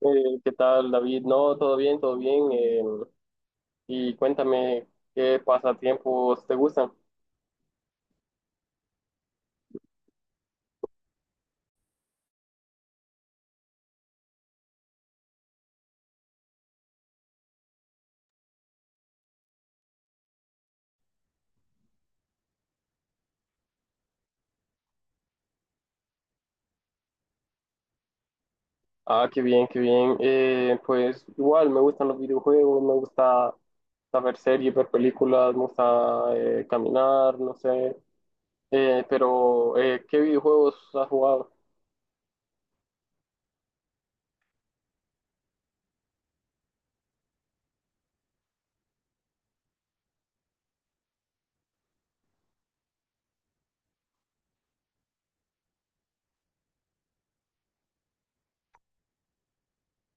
¿Qué tal, David? No, todo bien, todo bien. Y cuéntame qué pasatiempos te gustan. Ah, qué bien, qué bien. Pues igual me gustan los videojuegos, me gusta saber series, ver películas, me gusta caminar, no sé. Pero, ¿qué videojuegos has jugado?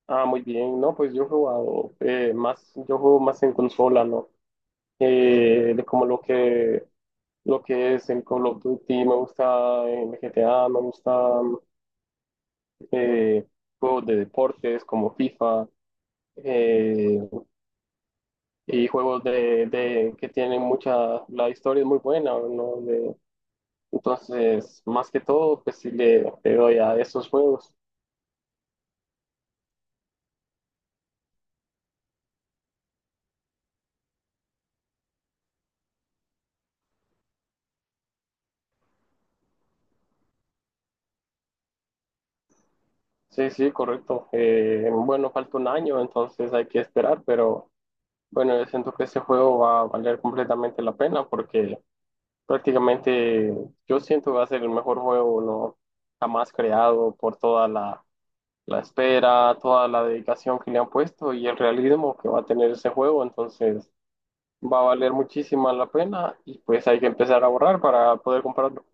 Ah, muy bien. No, pues yo he jugado, más, yo juego más en consola, ¿no? De como lo que es en Call of Duty, me gusta en GTA, me gusta eh, juegos de deportes como FIFA, eh, y juegos que tienen mucha, la historia es muy buena, ¿no? Entonces, más que todo, pues sí le doy a esos juegos. Sí, sí, correcto. Bueno, falta un año, entonces hay que esperar, pero bueno, yo siento que ese juego va a valer completamente la pena porque... Prácticamente yo siento que va a ser el mejor juego no jamás creado por toda la espera, toda la dedicación que le han puesto y el realismo que va a tener ese juego. Entonces va a valer muchísima la pena y pues hay que empezar a ahorrar para poder comprarlo.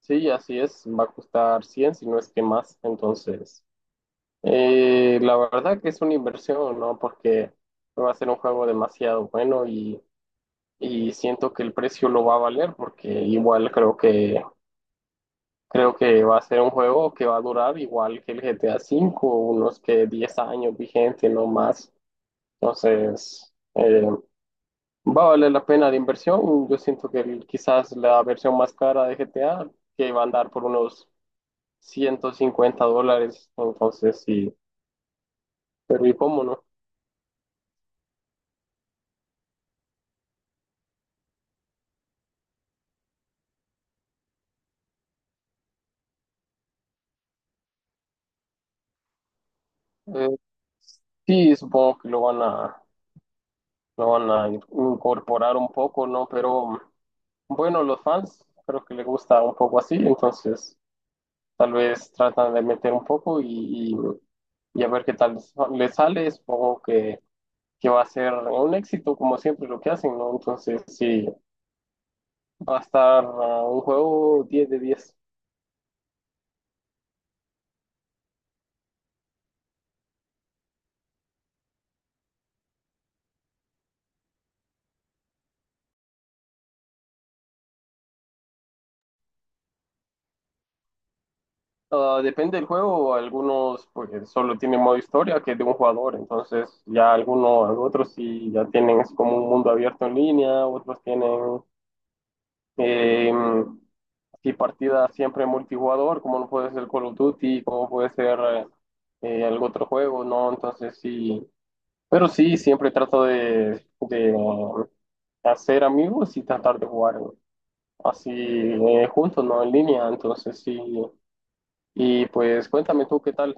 Sí, así es, va a costar 100 si no es que más. Entonces, la verdad que es una inversión, ¿no? Porque va a ser un juego demasiado bueno y siento que el precio lo va a valer porque igual creo que va a ser un juego que va a durar igual que el GTA V, unos que 10 años vigente, no más. Entonces, va a valer la pena la inversión. Yo siento que quizás la versión más cara de GTA, que va a andar por unos $150. Entonces, sí, pero ¿y cómo no? Eh, sí, supongo que lo van a incorporar un poco, ¿no? Pero bueno, los fans creo que les gusta un poco así, entonces. Tal vez tratan de meter un poco y a ver qué tal les sale. Supongo que va a ser un éxito, como siempre lo que hacen, ¿no? Entonces, sí, va a estar, un juego 10/10. Ah, depende del juego, algunos pues solo tienen modo historia que es de un jugador, entonces ya algunos, otros sí ya tienen es como un mundo abierto en línea, otros tienen. Eh, y partidas siempre multijugador, como no puede ser Call of Duty, como puede ser algún otro juego, ¿no? Entonces sí, pero sí, siempre trato de hacer amigos y tratar de jugar así, juntos, ¿no? En línea, entonces sí. Y pues cuéntame tú qué tal.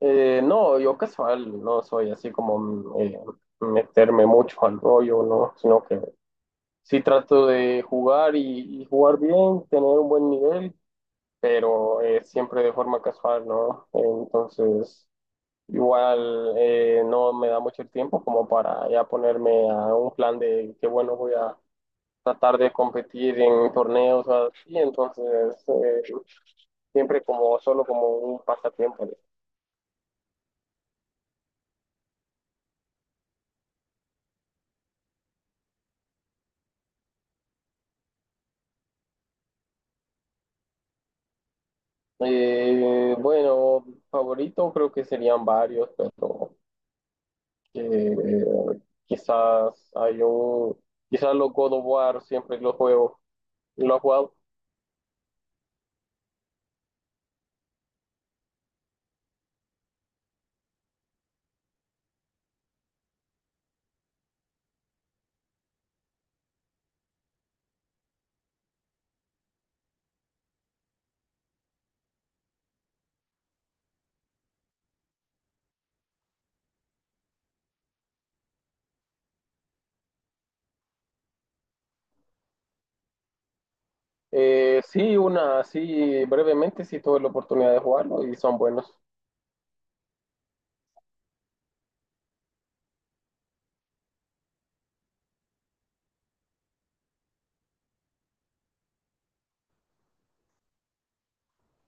No, yo casual, no soy así como meterme mucho al rollo, ¿no? Sino que Sí trato de jugar y jugar bien, tener un buen nivel, pero siempre de forma casual, ¿no? Entonces, igual, no me da mucho el tiempo como para ya ponerme a un plan de que, bueno, voy a tratar de competir en torneos o así, entonces, eh, siempre como solo como un pasatiempo, ¿no? Bueno, favorito creo que serían varios, pero... que quizás hay un, quizás los God of War siempre que los juego, los has jugado. Sí, una, sí, brevemente sí tuve la oportunidad de jugarlo y son buenos.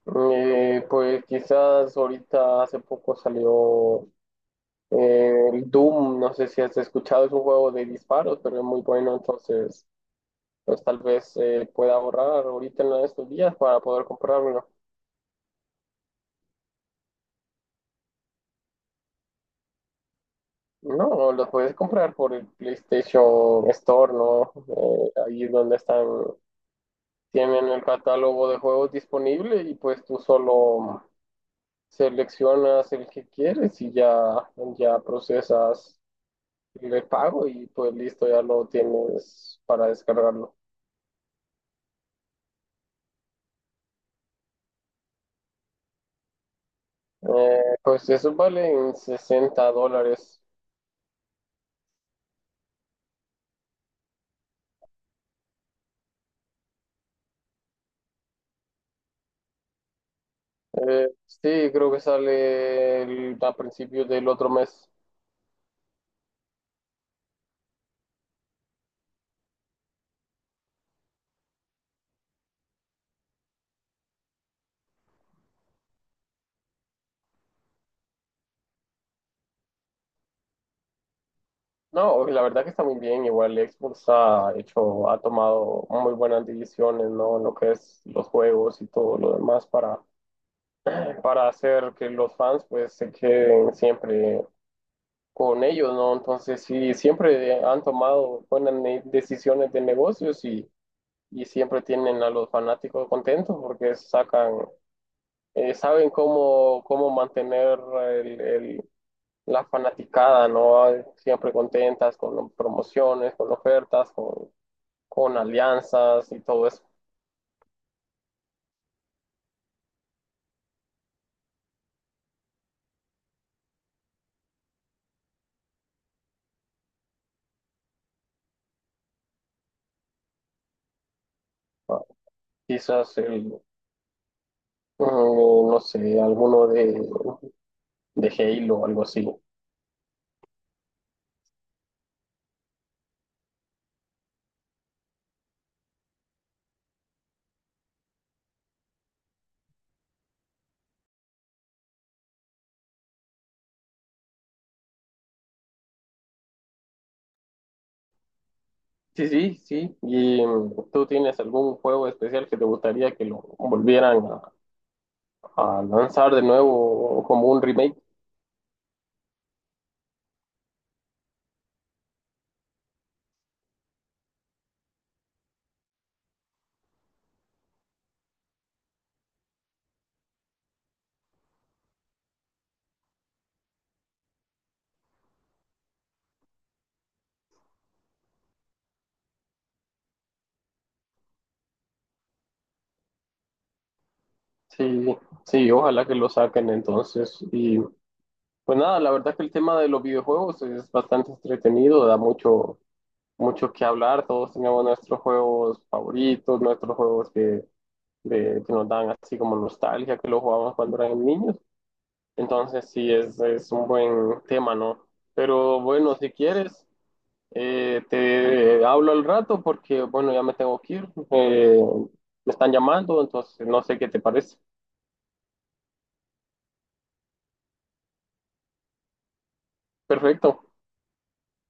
Pues quizás ahorita hace poco salió, el Doom, no sé si has escuchado, es un juego de disparos, pero es muy bueno, entonces pues tal vez pueda ahorrar ahorita en estos días para poder comprarlo. No, los puedes comprar por el PlayStation Store, ¿no? Ahí es donde están, tienen el catálogo de juegos disponible y pues tú solo seleccionas el que quieres y ya procesas el pago y pues listo, ya lo tienes para descargarlo. Pues eso vale en $60. Sí, creo que sale a principios del otro mes. No, la verdad que está muy bien. Igual Xbox ha tomado muy buenas decisiones, ¿no? En lo que es los juegos y todo lo demás para hacer que los fans pues se queden siempre con ellos, ¿no? Entonces sí, siempre han tomado buenas decisiones de negocios y siempre tienen a los fanáticos contentos porque sacan, saben cómo mantener la fanaticada, ¿no? Siempre contentas con promociones, con ofertas, con alianzas y todo eso. Ah, Quizás el, no sé, alguno de Halo o algo así. Sí, sí, sí. ¿Y tú tienes algún juego especial que te gustaría que lo volvieran a lanzar de nuevo como un remake? Sí, sí, ojalá que lo saquen entonces. Y pues nada, la verdad que el tema de los videojuegos es bastante entretenido, da mucho que hablar, todos teníamos nuestros juegos favoritos, nuestros juegos que nos dan así como nostalgia, que los jugábamos cuando éramos niños. Entonces sí, es un buen tema, ¿no? Pero bueno, si quieres, te hablo al rato porque, bueno, ya me tengo que ir. Me están llamando, entonces no sé qué te parece. Perfecto.